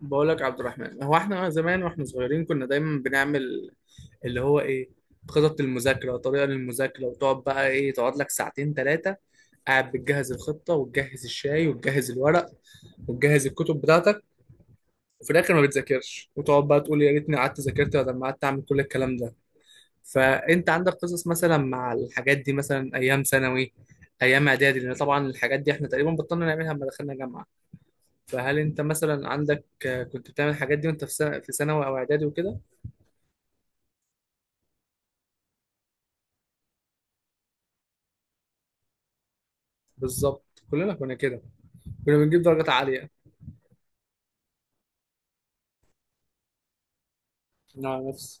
بقول لك عبد الرحمن، هو احنا زمان واحنا صغيرين كنا دايما بنعمل اللي هو ايه خطط المذاكره، طريقه للمذاكره، وتقعد بقى تقعد لك ساعتين ثلاثه قاعد بتجهز الخطه وتجهز الشاي وتجهز الورق وتجهز الكتب بتاعتك، وفي الاخر ما بتذاكرش وتقعد بقى تقول يا ريتني قعدت ذاكرت بدل ما قعدت اعمل كل الكلام ده. فانت عندك قصص مثلا مع الحاجات دي، مثلا ايام ثانوي، ايام اعدادي، لان طبعا الحاجات دي احنا تقريبا بطلنا نعملها لما دخلنا جامعه. فهل انت مثلا عندك كنت بتعمل الحاجات دي وانت في سنة في ثانوي او اعدادي وكده؟ بالظبط كلنا كنا كده. كنا بنجيب درجات عالية. نعم نفس.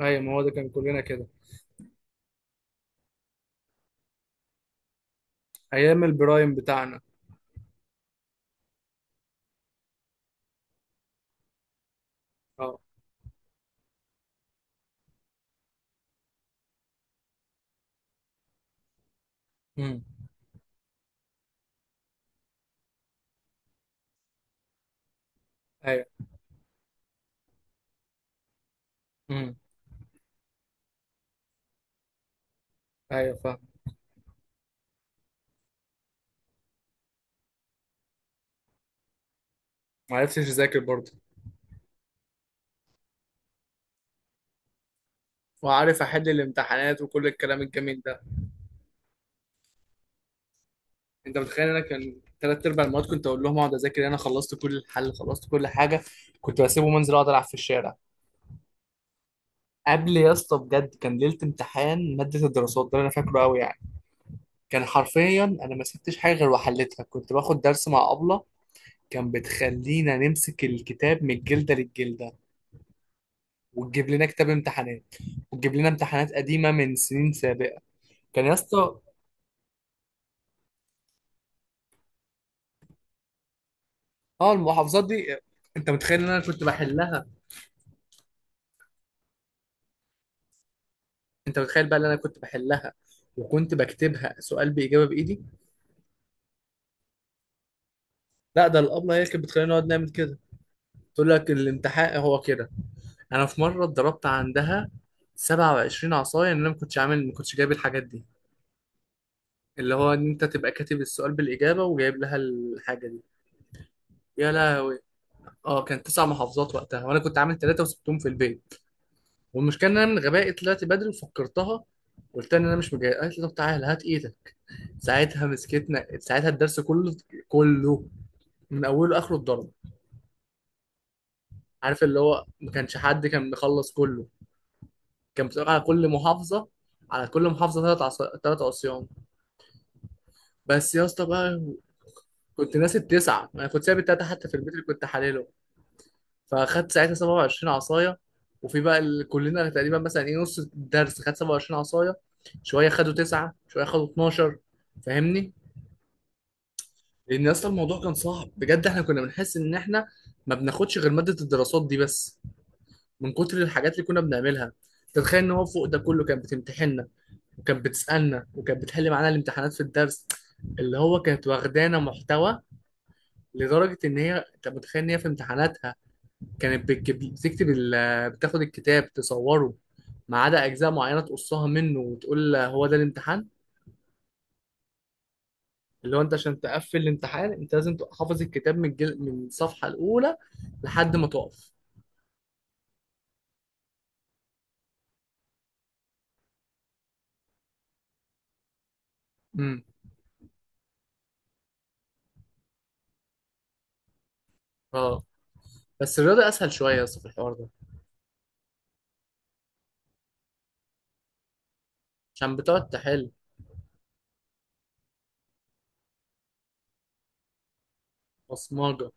ايوه ما هو ده كان كلنا كده. ايام البرايم بتاعنا. اه. امم. ايوه. امم. ايوه فاهم. ما عرفتش اذاكر برضه. وعارف احل الامتحانات وكل الكلام الجميل ده. انت متخيل انا كان ثلاث ارباع المواد كنت اقول لهم اقعد اذاكر، انا خلصت كل الحل خلصت كل حاجه، كنت بسيبه منزل اقعد العب في الشارع. قبل يا اسطى بجد، كان ليله امتحان ماده الدراسات ده اللي انا فاكره قوي يعني، كان حرفيا انا ما سبتش حاجه غير وحلتها. كنت باخد درس مع ابله كان بتخلينا نمسك الكتاب من الجلده للجلده، وتجيب لنا كتاب امتحانات، وتجيب لنا امتحانات قديمه من سنين سابقه كان يا اسطى. اه المحافظات دي، انت متخيل ان انا كنت بحلها؟ انت متخيل بقى ان انا كنت بحلها وكنت بكتبها سؤال باجابه بايدي. لا، ده الابله هي اللي كانت بتخلينا نقعد نعمل كده، تقول لك الامتحان هو كده. انا في مره اتضربت عندها 27 عصايه ان انا ما كنتش عامل، ما كنتش جايب الحاجات دي. اللي هو ان انت تبقى كاتب السؤال بالاجابه وجايب لها الحاجه دي. يا لهوي. اه كان تسع محافظات وقتها، وانا كنت عامل ثلاثه وسبتهم في البيت. والمشكله ان انا من غبائي طلعت بدري وفكرتها، قلت لها ان انا مش مجهز، قالت لي طب تعالى هات ايدك. ساعتها مسكتنا، ساعتها الدرس كله. كله من اوله لاخره اتضرب. عارف اللي هو ما كانش حد كان مخلص كله. كان بتبقى على كل محافظه، على كل محافظه ثلاث عصيان. بس يا اسطى بقى، كنت ناسي التسعه، انا كنت سايب التلاته حتى في البيت اللي كنت حالله. فاخدت ساعتها 27 عصايه، كلنا تقريبا مثلا نص الدرس خد 27 عصايه، شويه خدوا تسعه، شويه خدوا 12. فاهمني؟ لان اصلا الموضوع كان صعب بجد، احنا كنا بنحس ان احنا ما بناخدش غير ماده الدراسات دي بس من كتر الحاجات اللي كنا بنعملها. تتخيل ان هو فوق ده كله كانت بتمتحننا وكانت بتسالنا، وكانت بتحل معانا الامتحانات في الدرس، اللي هو كانت واخدانا محتوى. لدرجه ان هي انت متخيل ان هي في امتحاناتها كانت بتاخد الكتاب تصوره ما عدا اجزاء معينه تقصها منه وتقول هو ده الامتحان. اللي هو انت عشان تقفل الامتحان انت لازم تبقى حافظ الكتاب من الصفحه الاولى لحد ما تقف. امم. اه بس الرياضه اسهل شويه بس في الحوار ده. عشان بتقعد تحل. بصمجه.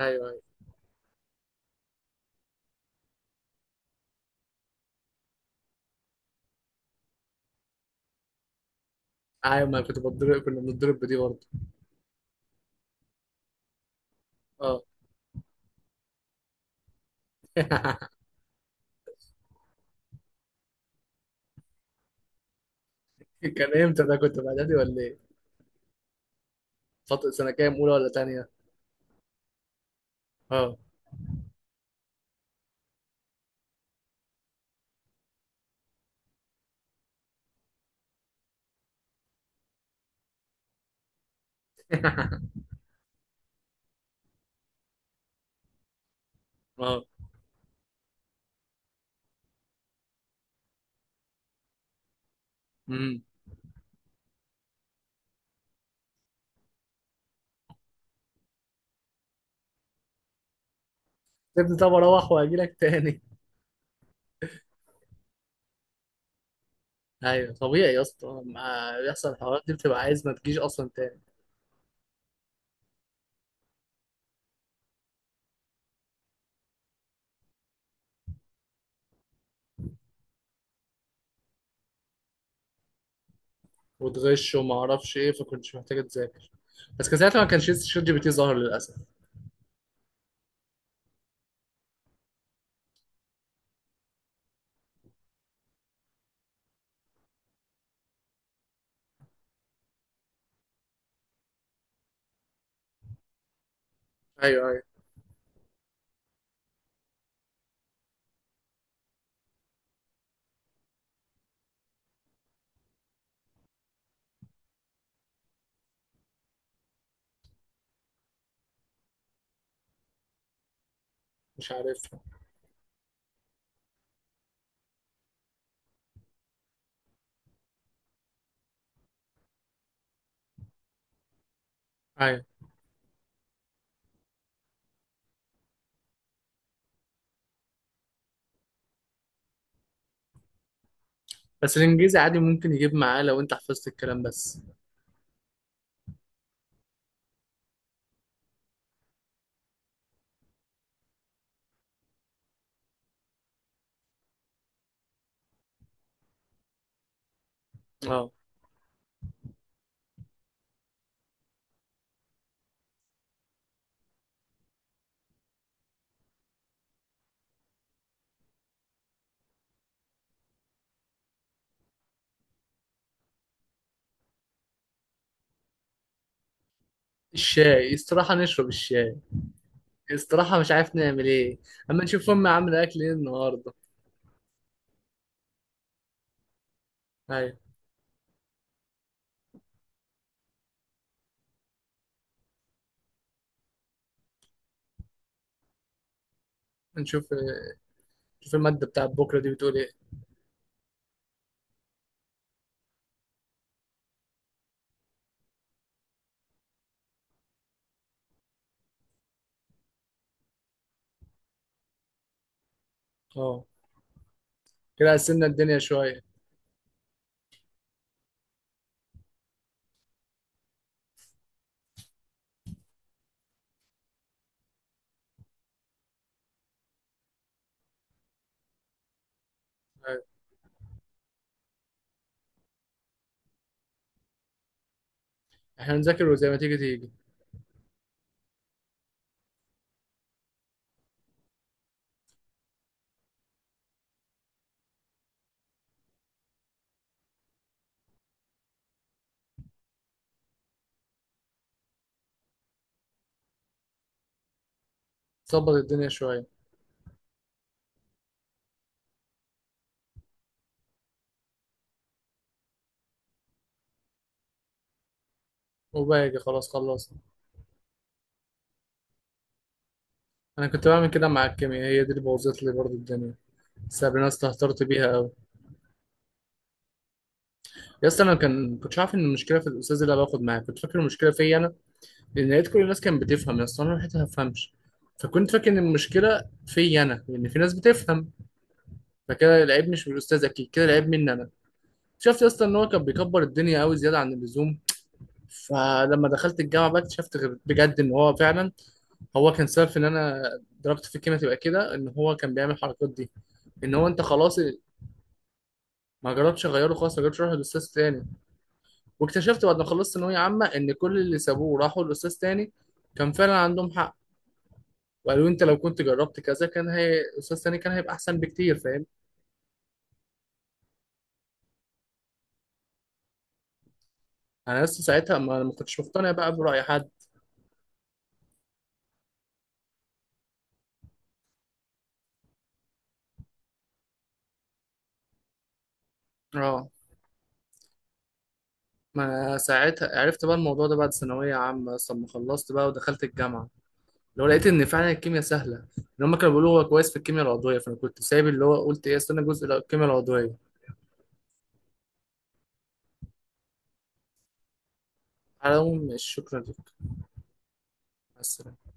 ايوه ايوه. ايوه ما كنت بتضرب، كنا بنضرب بدي برضه. اه. كان امتى ده، كنت في اعدادي ولا ايه؟ فتره سنه كام، اولى ولا تانيه؟ اه. اه. امم. سيبني، طب اروح واجي لك تاني. ايوه طبيعي يا اسطى، لما بيحصل الحوارات دي بتبقى عايز ما تجيش اصلا تاني. وتغش وما اعرفش ايه، فكنتش محتاجه تذاكر. بس كان ساعتها ما كانش شات جي بي تي ظهر للاسف. ايوه ايوه. مش عارفها. ايوه. بس الانجليزي عادي ممكن يجيب معاه لو انت حفظت الكلام بس. اه. الشاي استراحه نشرب الشاي. استراحه مش عارف نعمل ايه. اما نشوف امي عامله اكل ايه النهارده. ايوه. نشوف إيه. نشوف الماده بتاعت بكره دي بتقول ايه. اه. كده قسمنا الدنيا شويه. ايوه احنا نذاكر وزي ما تيجي تيجي. ظبط الدنيا شويه. وباجي خلاص خلصت. انا كنت بعمل كده مع الكيمياء، هي دي اللي بوظت لي برضه الدنيا. بس انا استهترت بيها قوي. يا اسطى انا كان كنتش عارف ان المشكله في الاستاذ اللي انا باخد معاه، كنت فاكر المشكله فيا انا. لان لقيت كل الناس كانت بتفهم يا اسطى، انا لحقت ما افهمش. فكنت فاكر ان المشكله فيا انا لان في ناس بتفهم، فكده العيب مش من الاستاذ، اكيد كده العيب مني انا. شفت يا اسطى ان هو كان بيكبر الدنيا قوي زياده عن اللزوم. فلما دخلت الجامعه بقى اكتشفت بجد ان هو فعلا هو كان سبب في ان انا ضربت في الكيمياء. تبقى كده ان هو كان بيعمل الحركات دي، ان هو انت خلاص. ما جربتش اغيره، خلاص ما جربتش اروح لاستاذ تاني. واكتشفت بعد ما خلصت ثانويه عامه ان كل اللي سابوه راحوا لاستاذ تاني كان فعلا عندهم حق. وقالوا انت لو كنت جربت كذا كان هي استاذ تاني كان هيبقى احسن بكتير فاهم. انا لسه ساعتها ما كنتش مقتنع بقى براي حد. اه ما ساعتها عرفت بقى الموضوع ده بعد ثانويه عامه اصلا ما خلصت بقى ودخلت الجامعه. لو لقيت ان فعلا الكيمياء سهله ان هم كانوا بيقولوا هو كويس في الكيمياء العضويه، فانا كنت سايب اللي هو قلت ايه استنى جزء الكيمياء العضويه. على العموم مش شكرا لك. بس